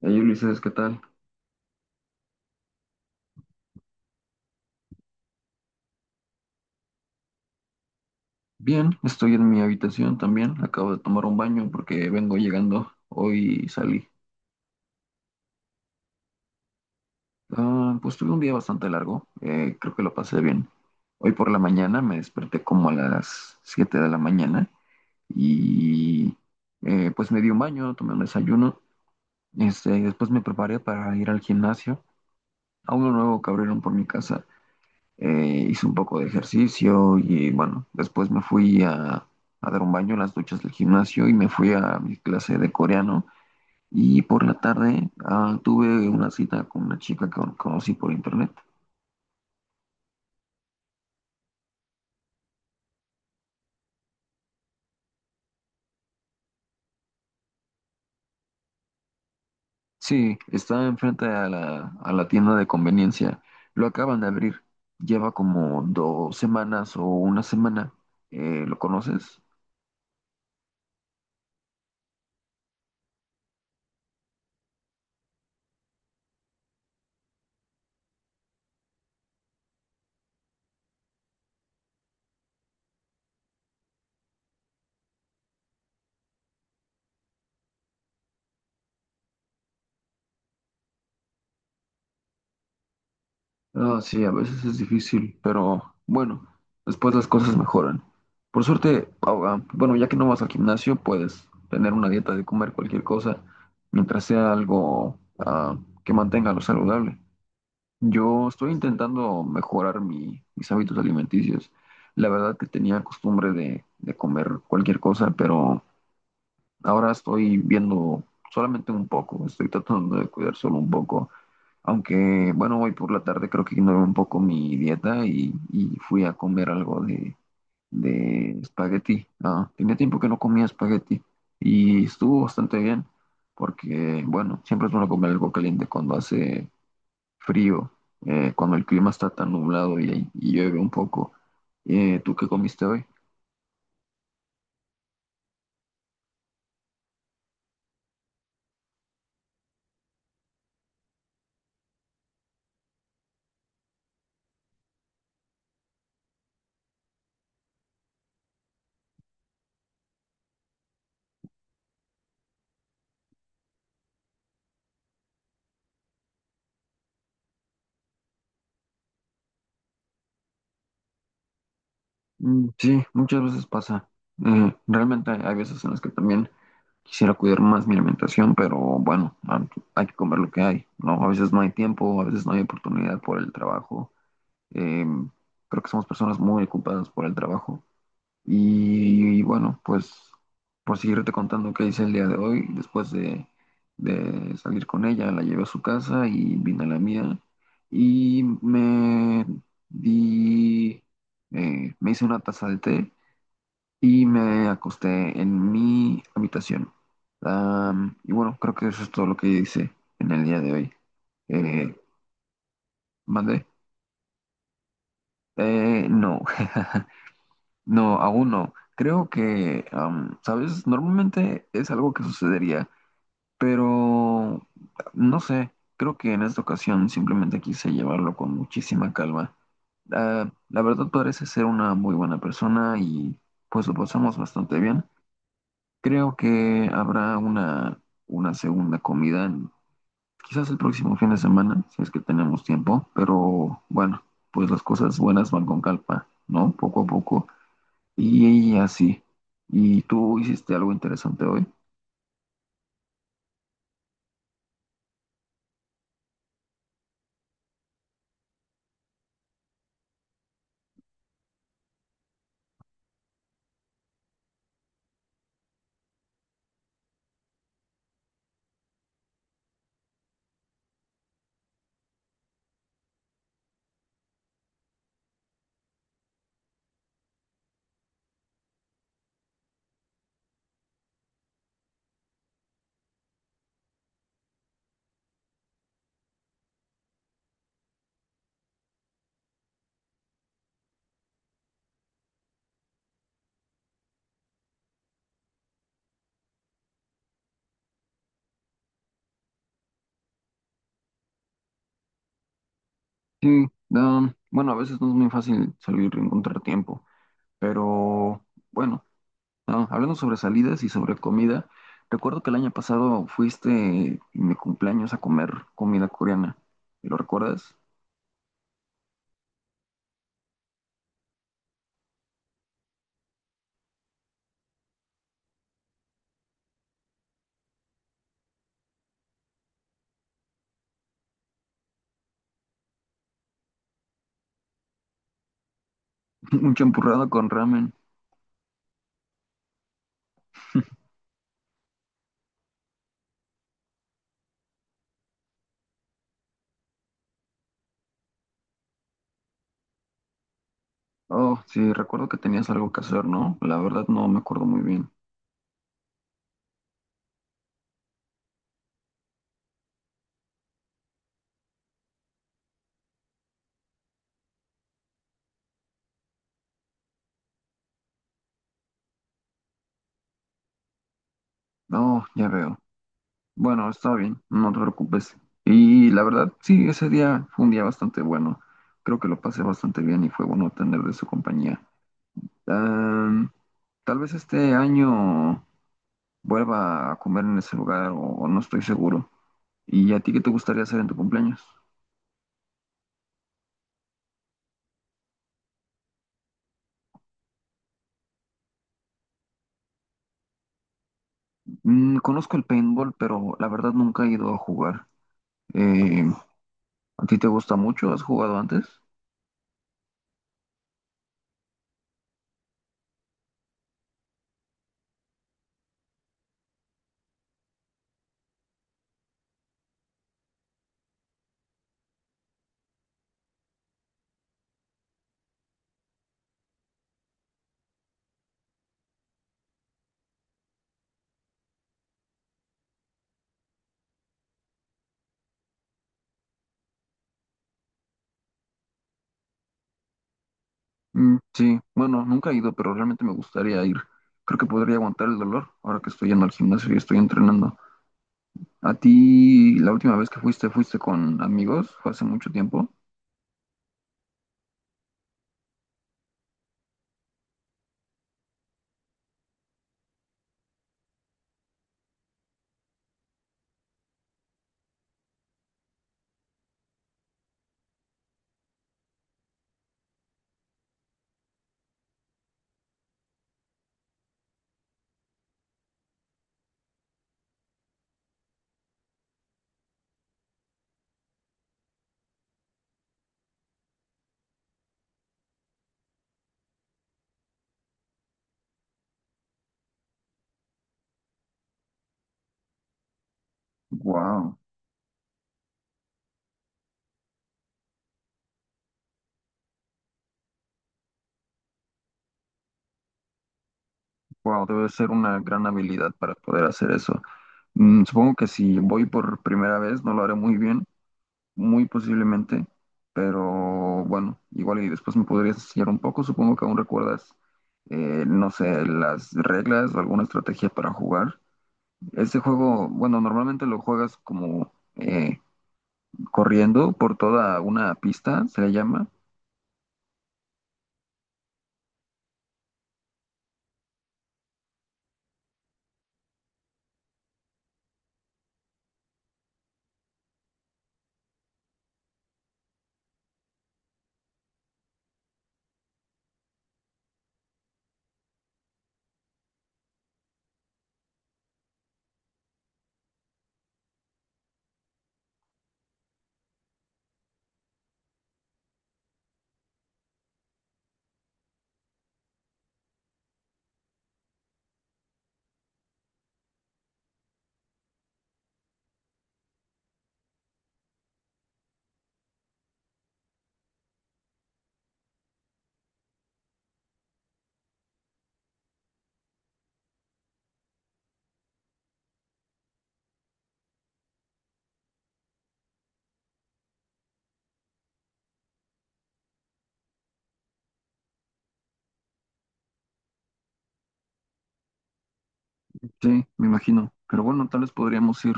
Hey Ulises, ¿qué tal? Bien, estoy en mi habitación también. Acabo de tomar un baño porque vengo llegando. Hoy salí. Ah, pues tuve un día bastante largo. Creo que lo pasé bien. Hoy por la mañana me desperté como a las 7 de la mañana y pues me di un baño, tomé un desayuno. Este, y después me preparé para ir al gimnasio, a uno nuevo que abrieron por mi casa. Hice un poco de ejercicio y bueno, después me fui a dar un baño en las duchas del gimnasio y me fui a mi clase de coreano. Y por la tarde ah, tuve una cita con una chica que conocí por internet. Sí, está enfrente a a la tienda de conveniencia. Lo acaban de abrir. Lleva como 2 semanas o una semana. ¿Lo conoces? Ah, sí, a veces es difícil, pero bueno, después las cosas mejoran. Por suerte, ah, bueno, ya que no vas al gimnasio, puedes tener una dieta de comer cualquier cosa, mientras sea algo ah, que mantenga lo saludable. Yo estoy intentando mejorar mis hábitos alimenticios. La verdad que tenía costumbre de comer cualquier cosa, pero ahora estoy viendo solamente un poco, estoy tratando de cuidar solo un poco, aunque bueno, hoy por la tarde creo que ignoré un poco mi dieta y fui a comer algo de espagueti. Ah, tenía tiempo que no comía espagueti y estuvo bastante bien porque, bueno, siempre es bueno comer algo caliente cuando hace frío, cuando el clima está tan nublado y llueve un poco. ¿Tú qué comiste hoy? Mm, sí, muchas veces pasa. Realmente hay veces en las que también quisiera cuidar más mi alimentación, pero bueno, man, hay que comer lo que hay, ¿no? A veces no hay tiempo, a veces no hay oportunidad por el trabajo. Eh, creo que somos personas muy ocupadas por el trabajo. Y bueno, pues por seguirte contando qué hice el día de hoy, después de salir con ella, la llevé a su casa y vine a la mía y me di, me hice una taza de té y me acosté en mi habitación. Am, y bueno, creo que eso es todo lo que hice en el día de hoy. Eh, ¿Mandé? No, no, aún no. Creo que, am, ¿sabes? Normalmente es algo que sucedería, pero no sé, creo que en esta ocasión simplemente quise llevarlo con muchísima calma. Ah, la verdad parece ser una muy buena persona y pues lo pasamos bastante bien. Creo que habrá una segunda comida, quizás el próximo fin de semana, si es que tenemos tiempo, pero bueno, pues las cosas buenas van con calpa, ¿no? Poco a poco. Y, y así. ¿Y tú hiciste algo interesante hoy? Sí, um, bueno, a veces no es muy fácil salir y encontrar tiempo, pero bueno, ah, hablando sobre salidas y sobre comida, recuerdo que el año pasado fuiste en mi cumpleaños a comer comida coreana. ¿Lo recuerdas? Un champurrado con ramen. Oh, sí, recuerdo que tenías algo que hacer, ¿no? La verdad no me acuerdo muy bien. Oh, ya veo. Bueno, está bien, no te preocupes. Y la verdad, sí, ese día fue un día bastante bueno. Creo que lo pasé bastante bien y fue bueno tener de su compañía. Ah, tal vez este año vuelva a comer en ese lugar, o no estoy seguro. ¿Y a ti qué te gustaría hacer en tu cumpleaños? Mm, conozco el paintball, pero la verdad nunca he ido a jugar. Eh, ¿A ti te gusta mucho? ¿Has jugado antes? Mm, sí, bueno, nunca he ido, pero realmente me gustaría ir. Creo que podría aguantar el dolor ahora que estoy yendo al gimnasio y estoy entrenando. ¿A ti la última vez que fuiste, fuiste con amigos? ¿Fue hace mucho tiempo? Wow, wow, debe ser una gran habilidad para poder hacer eso. Mm, supongo que si voy por primera vez no lo haré muy bien, muy posiblemente, pero bueno, igual y después me podrías enseñar un poco, supongo que aún recuerdas, no sé, las reglas o alguna estrategia para jugar. Ese juego, bueno, normalmente lo juegas como corriendo por toda una pista, se le llama. Sí, me imagino, pero bueno, tal vez podríamos ir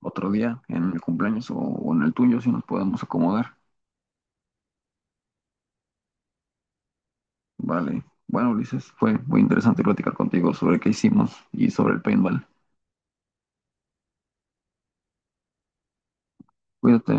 otro día en el cumpleaños, o en el tuyo si nos podemos acomodar. Vale. Bueno, Ulises, fue muy interesante platicar contigo sobre qué hicimos y sobre el paintball. Cuídate.